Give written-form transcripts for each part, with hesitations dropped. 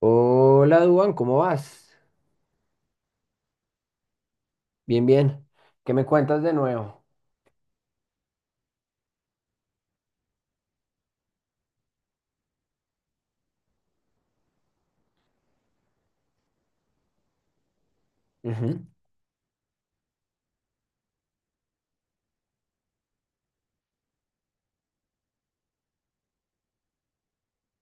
Hola, Duan, ¿cómo vas? Bien, bien. ¿Qué me cuentas de nuevo? Ujú.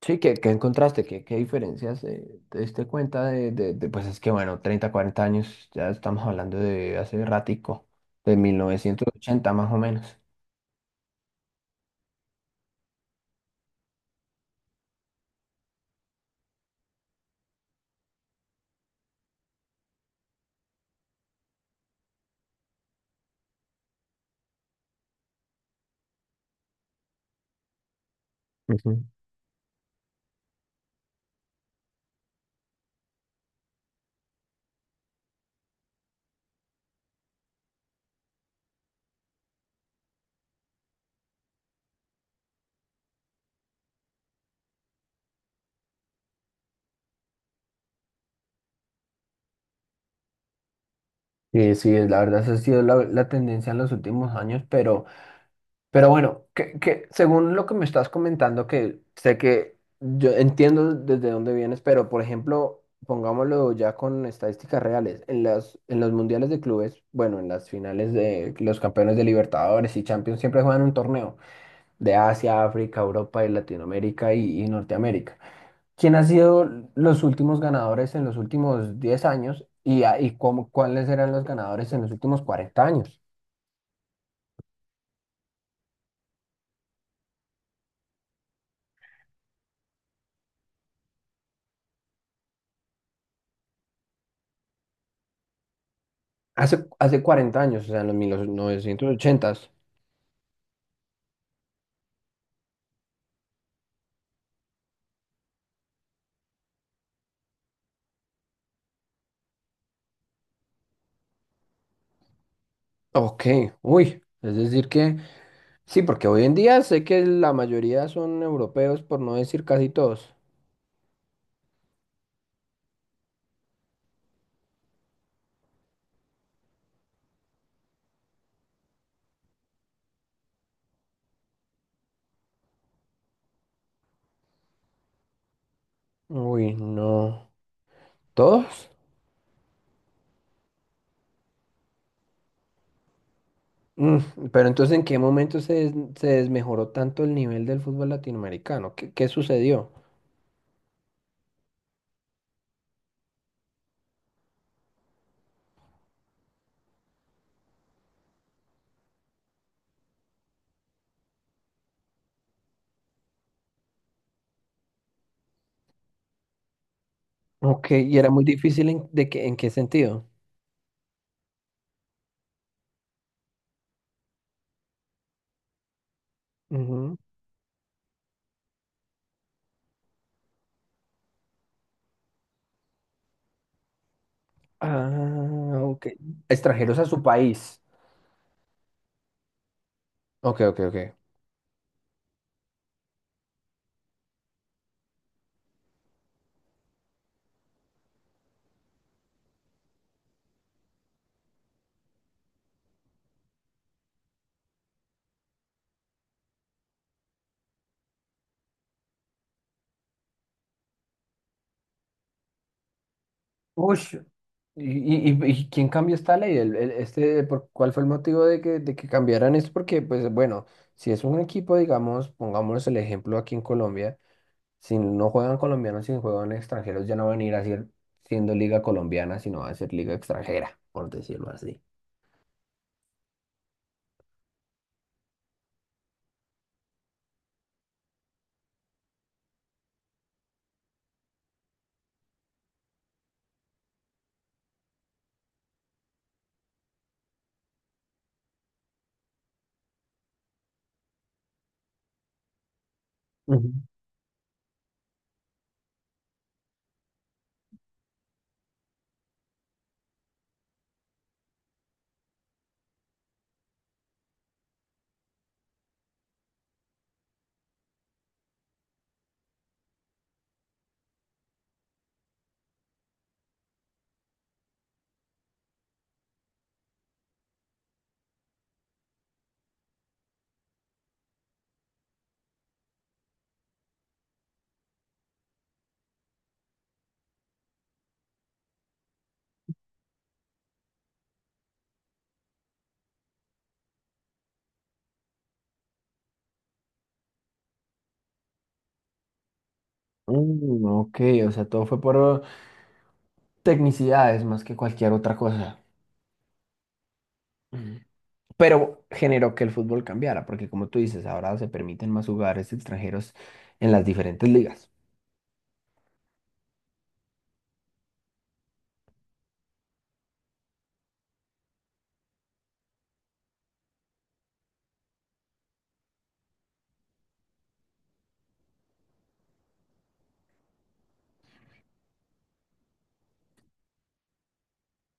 Sí, ¿qué, qué encontraste? ¿Qué, qué diferencias te diste cuenta Pues es que, bueno, 30, 40 años, ya estamos hablando de hace ratico, de 1980 más o menos. Ujú. Sí, sí, la verdad esa ha sido la tendencia en los últimos años, pero bueno, que según lo que me estás comentando, que sé que yo entiendo desde dónde vienes, pero por ejemplo, pongámoslo ya con estadísticas reales, en en los mundiales de clubes, bueno, en las finales de los campeones de Libertadores y Champions siempre juegan un torneo de Asia, África, Europa y Latinoamérica y Norteamérica. ¿Quién ha sido los últimos ganadores en los últimos 10 años y, y cómo, cuáles eran los ganadores en los últimos 40 años? Hace 40 años, o sea, en los mil no, novecientos ochentas. Ok, uy. Es decir que, sí, porque hoy en día sé que la mayoría son europeos, por no decir casi todos. Uy, no. ¿Todos? Mm, pero entonces, ¿en qué momento se desmejoró tanto el nivel del fútbol latinoamericano? ¿Qué, qué sucedió? Ok, y era muy difícil de que, ¿en qué sentido? Ujú. Ah, ok. Extranjeros a su país. Ok, ok, ok. Uy, ¿y, y quién cambió esta ley? ¿Cuál fue el motivo de de que cambiaran esto? Porque, pues bueno, si es un equipo, digamos, pongámonos el ejemplo aquí en Colombia, si no juegan colombianos, si juegan extranjeros, ya no van a ir a ser, siendo liga colombiana, sino va a ser liga extranjera, por decirlo así. Ujú. Mm, ok, o sea, todo fue por tecnicidades más que cualquier otra cosa. Ujú. Pero generó que el fútbol cambiara, porque como tú dices, ahora se permiten más jugadores extranjeros en las diferentes ligas.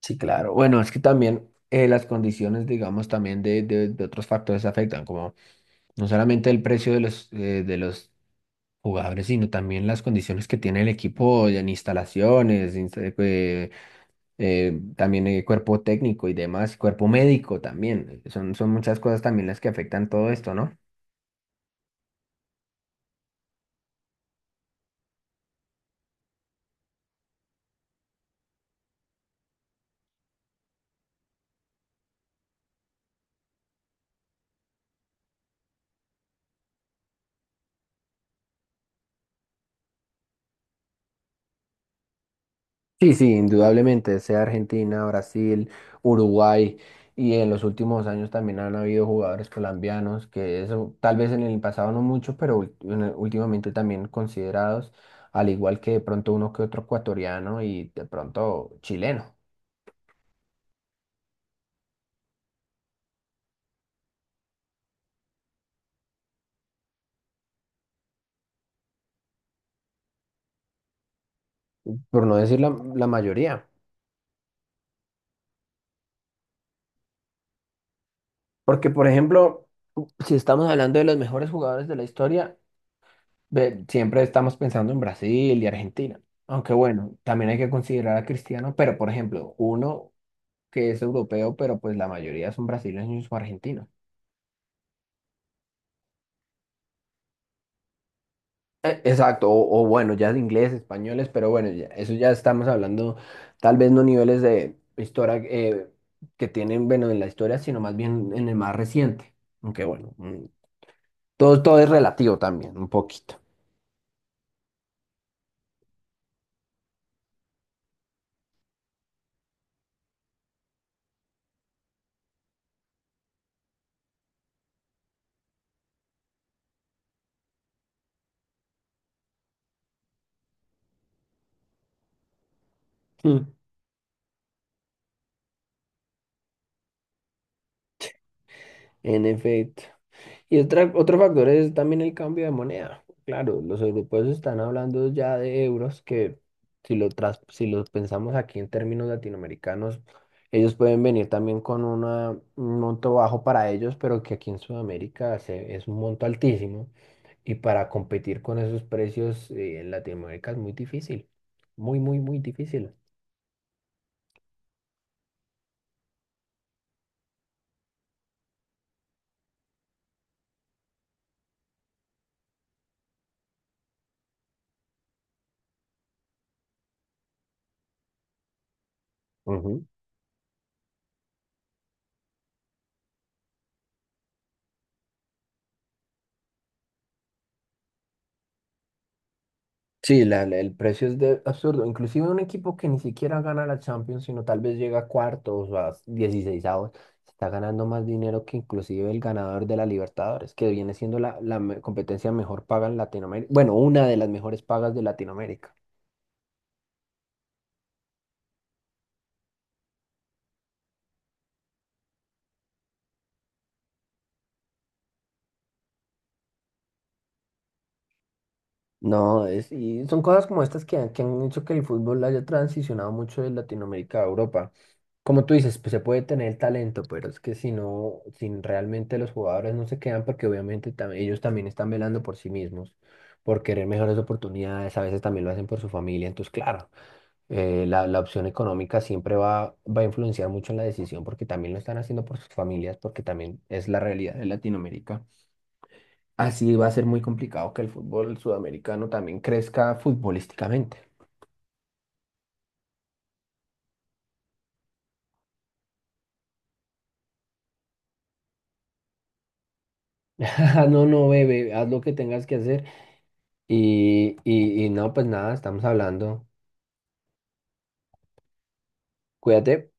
Sí, claro. Bueno, es que también las condiciones, digamos, también de otros factores afectan, como no solamente el precio de los jugadores, sino también las condiciones que tiene el equipo en instalaciones, también el cuerpo técnico y demás, cuerpo médico también. Son, son muchas cosas también las que afectan todo esto, ¿no? Sí, sí, indudablemente, sea Argentina, Brasil, Uruguay, y en los últimos años también han habido jugadores colombianos que eso tal vez en el pasado no mucho, pero últimamente también considerados, al igual que de pronto uno que otro ecuatoriano y de pronto chileno, por no decir la mayoría. Porque, por ejemplo, si estamos hablando de los mejores jugadores de la historia, siempre estamos pensando en Brasil y Argentina. Aunque bueno, también hay que considerar a Cristiano, pero por ejemplo, uno que es europeo, pero pues la mayoría son brasileños o argentinos. Exacto, o bueno, ya de inglés, españoles, pero bueno, eso ya estamos hablando, tal vez no niveles de historia que tienen, bueno, en la historia, sino más bien en el más reciente. Aunque bueno, todo, todo es relativo también, un poquito. Mm. En efecto. Y otra, otro factor es también el cambio de moneda. Claro, los europeos están hablando ya de euros que si los pensamos aquí en términos latinoamericanos, ellos pueden venir también con un monto bajo para ellos, pero que aquí en Sudamérica es un monto altísimo. Y para competir con esos precios en Latinoamérica es muy difícil. Muy, muy, muy difícil. Sí, el precio es de absurdo. Inclusive un equipo que ni siquiera gana la Champions, sino tal vez llega a cuartos o a 16 está ganando más dinero que inclusive el ganador de la Libertadores, que viene siendo competencia mejor paga en Latinoamérica. Bueno, una de las mejores pagas de Latinoamérica. No, es, y son cosas como estas que han hecho que el fútbol haya transicionado mucho de Latinoamérica a Europa. Como tú dices, pues se puede tener el talento, pero es que si no, si realmente los jugadores no se quedan, porque obviamente ellos también están velando por sí mismos, por querer mejores oportunidades, a veces también lo hacen por su familia, entonces claro, la opción económica siempre va a influenciar mucho en la decisión, porque también lo están haciendo por sus familias, porque también es la realidad de Latinoamérica. Así va a ser muy complicado que el fútbol sudamericano también crezca futbolísticamente. No, no, bebé, haz lo que tengas que hacer. Y no, pues nada, estamos hablando. Cuídate.